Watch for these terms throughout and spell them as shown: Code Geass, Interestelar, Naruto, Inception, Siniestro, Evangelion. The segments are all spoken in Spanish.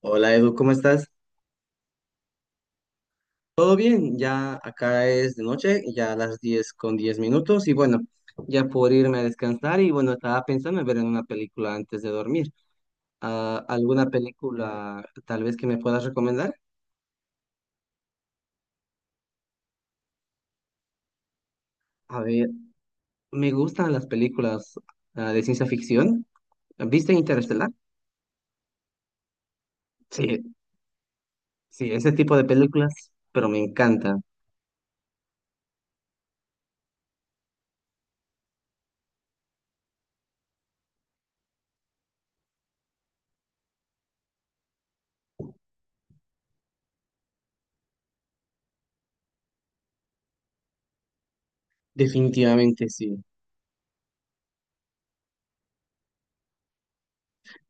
Hola Edu, ¿cómo estás? ¿Todo bien? Ya acá es de noche, ya a las 10 con 10 minutos y bueno, ya por irme a descansar y bueno, estaba pensando en ver en una película antes de dormir. Ah, ¿alguna película tal vez que me puedas recomendar? A ver, me gustan las películas de ciencia ficción. ¿Viste Interestelar? Sí, sí, ese tipo de películas, pero me encanta. Definitivamente sí.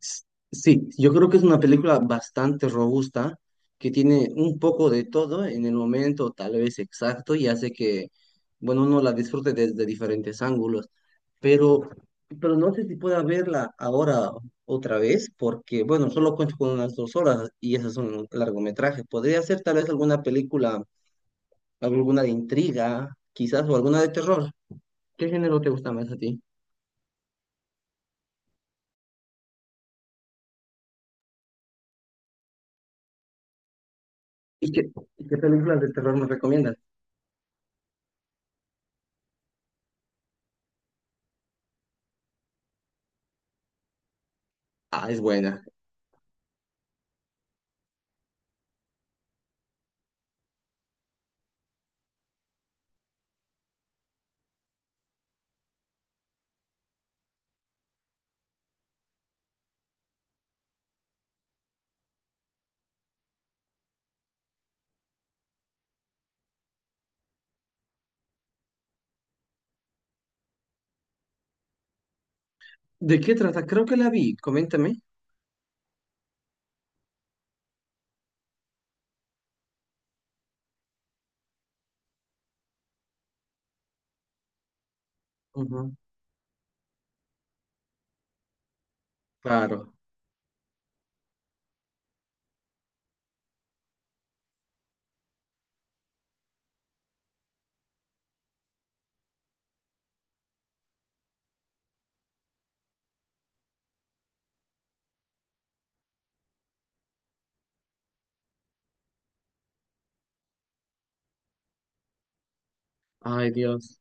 S- Sí, yo creo que es una película bastante robusta, que tiene un poco de todo en el momento tal vez exacto y hace que, bueno, uno la disfrute desde diferentes ángulos, pero, no sé si pueda verla ahora otra vez, porque, bueno, solo cuento con unas 2 horas y esas son largometrajes. Podría ser tal vez alguna película, alguna de intriga, quizás, o alguna de terror. ¿Qué género te gusta más a ti? ¿Y qué, películas de terror me recomiendas? Ah, es buena. ¿De qué trata? Creo que la vi, coméntame. Ujú, claro. Ay, Dios.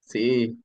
Sí.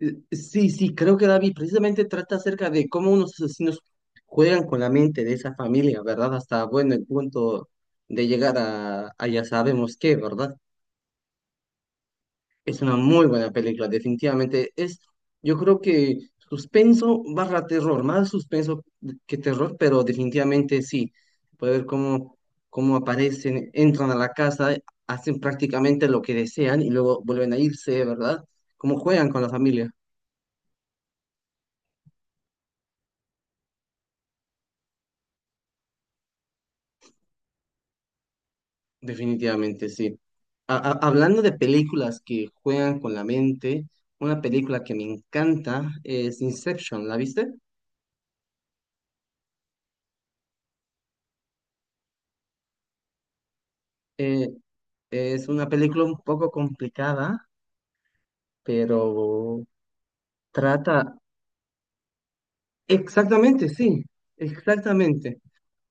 Sí, sí, creo que la vi. Precisamente trata acerca de cómo unos asesinos juegan con la mente de esa familia, ¿verdad? Hasta, bueno, el punto de llegar a, ya sabemos qué, ¿verdad? Es una muy buena película, definitivamente. Es, yo creo que suspenso barra terror, más suspenso que terror, pero definitivamente sí. Puede ver cómo, aparecen, entran a la casa, hacen prácticamente lo que desean y luego vuelven a irse, ¿verdad? Cómo juegan con la familia, definitivamente sí. Hablando de películas que juegan con la mente, una película que me encanta es Inception, ¿la viste? Eh, es una película un poco complicada pero trata, exactamente, sí, exactamente.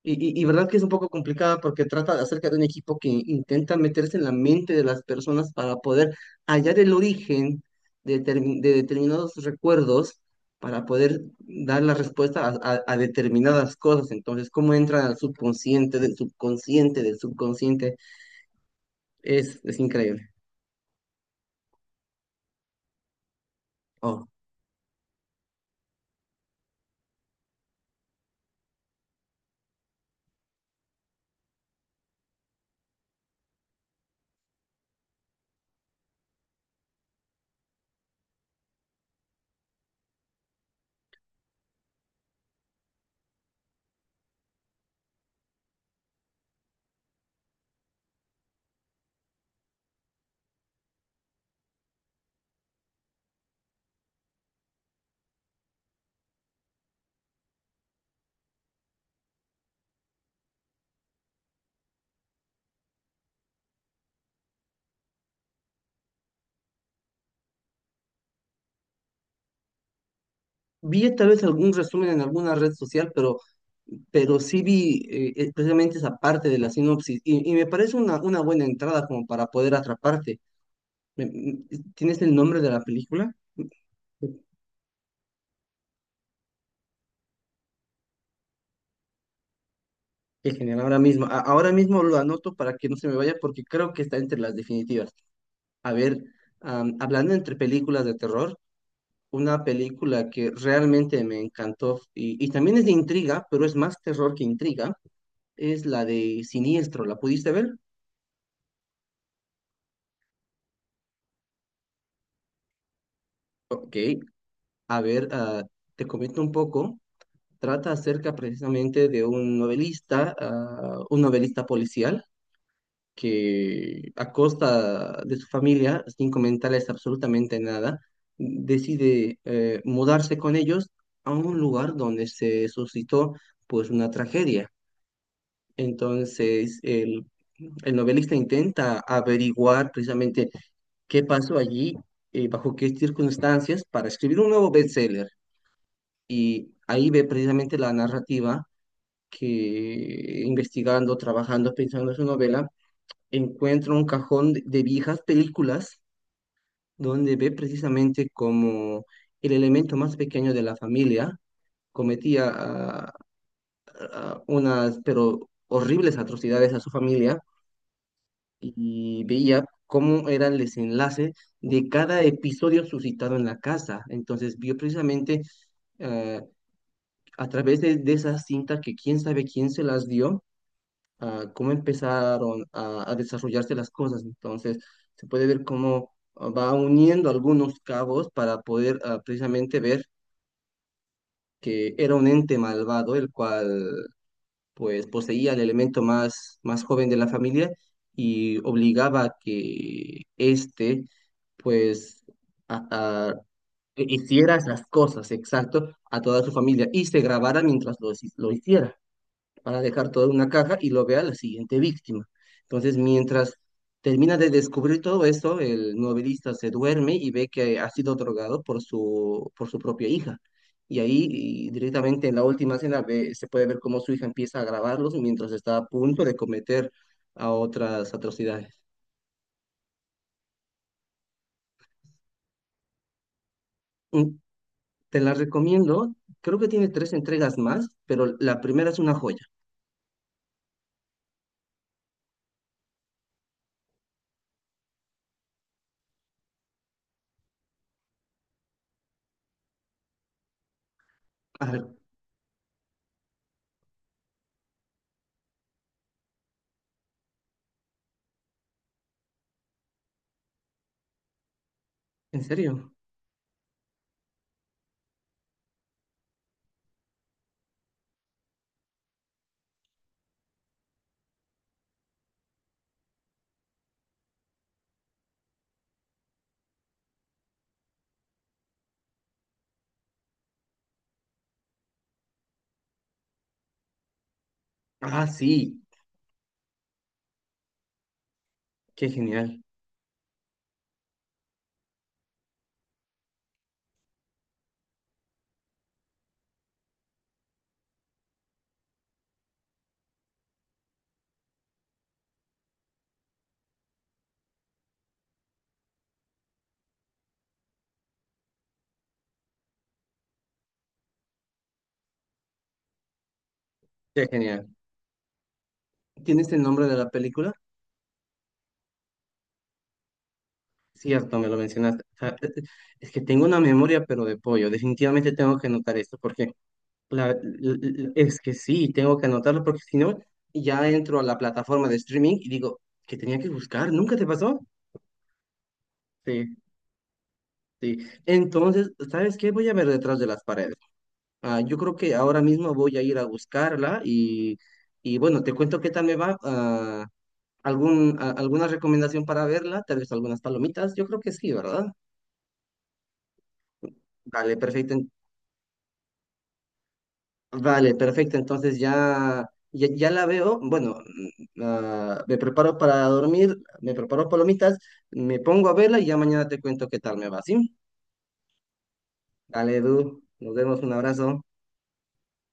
Y, y verdad que es un poco complicada porque trata de acerca de un equipo que intenta meterse en la mente de las personas para poder hallar el origen de, de determinados recuerdos, para poder dar la respuesta a, a determinadas cosas. Entonces, cómo entran al subconsciente, del subconsciente, del subconsciente, es increíble. Oh. Vi tal vez algún resumen en alguna red social, pero, sí vi precisamente esa parte de la sinopsis y me parece una buena entrada como para poder atraparte. Me- me- ¿Tienes el nombre de la película? Qué genial, ahora mismo. Ahora mismo lo anoto para que no se me vaya porque creo que está entre las definitivas. A ver, hablando entre películas de terror, una película que realmente me encantó y también es de intriga, pero es más terror que intriga, es la de Siniestro. ¿La pudiste ver? Ok, a ver, te comento un poco. Trata acerca precisamente de un novelista, un novelista policial, que a costa de su familia, sin comentarles absolutamente nada, decide mudarse con ellos a un lugar donde se suscitó pues una tragedia. Entonces, el, novelista intenta averiguar precisamente qué pasó allí, bajo qué circunstancias, para escribir un nuevo bestseller. Y ahí ve precisamente la narrativa que investigando, trabajando, pensando en su novela, encuentra un cajón de viejas películas donde ve precisamente como el elemento más pequeño de la familia cometía unas, pero horribles atrocidades a su familia y veía cómo era el desenlace de cada episodio suscitado en la casa. Entonces vio precisamente ah, a través de, esas cintas que quién sabe quién se las dio, cómo empezaron a, desarrollarse las cosas. Entonces, se puede ver cómo va uniendo algunos cabos para poder precisamente ver que era un ente malvado, el cual pues poseía el elemento más, más joven de la familia y obligaba a que éste pues a- a- hiciera esas cosas, exacto, a toda su familia y se grabara mientras lo, lo hiciera, para dejar toda una caja y lo vea la siguiente víctima. Entonces, mientras termina de descubrir todo esto, el novelista se duerme y ve que ha sido drogado por su, propia hija. Y ahí y directamente en la última escena se puede ver cómo su hija empieza a grabarlos mientras está a punto de cometer a otras atrocidades. Mm, Te la recomiendo. Creo que tiene 3 entregas más, pero la primera es una joya. A ver, ¿en serio? Ah, sí. Qué genial. Qué genial. ¿Tienes el nombre de la película? Cierto, me lo mencionaste. O sea, es que tengo una memoria, pero de pollo. Definitivamente tengo que anotar esto, porque la- l- es que sí, tengo que anotarlo, porque si no, ya entro a la plataforma de streaming y digo, ¿que tenía que buscar? ¿Nunca te pasó? Sí, sí. Entonces, ¿sabes qué? Voy a ver Detrás de las Paredes. Ah, yo creo que ahora mismo voy a ir a buscarla y bueno, te cuento qué tal me va. ¿Alguna recomendación para verla? Tal vez algunas palomitas. Yo creo que sí, ¿verdad? Vale, perfecto. Vale, perfecto. Entonces ya, ya la veo. Bueno, me preparo para dormir, me preparo palomitas, me pongo a verla y ya mañana te cuento qué tal me va, ¿sí? Dale, Edu. Nos vemos. Un abrazo.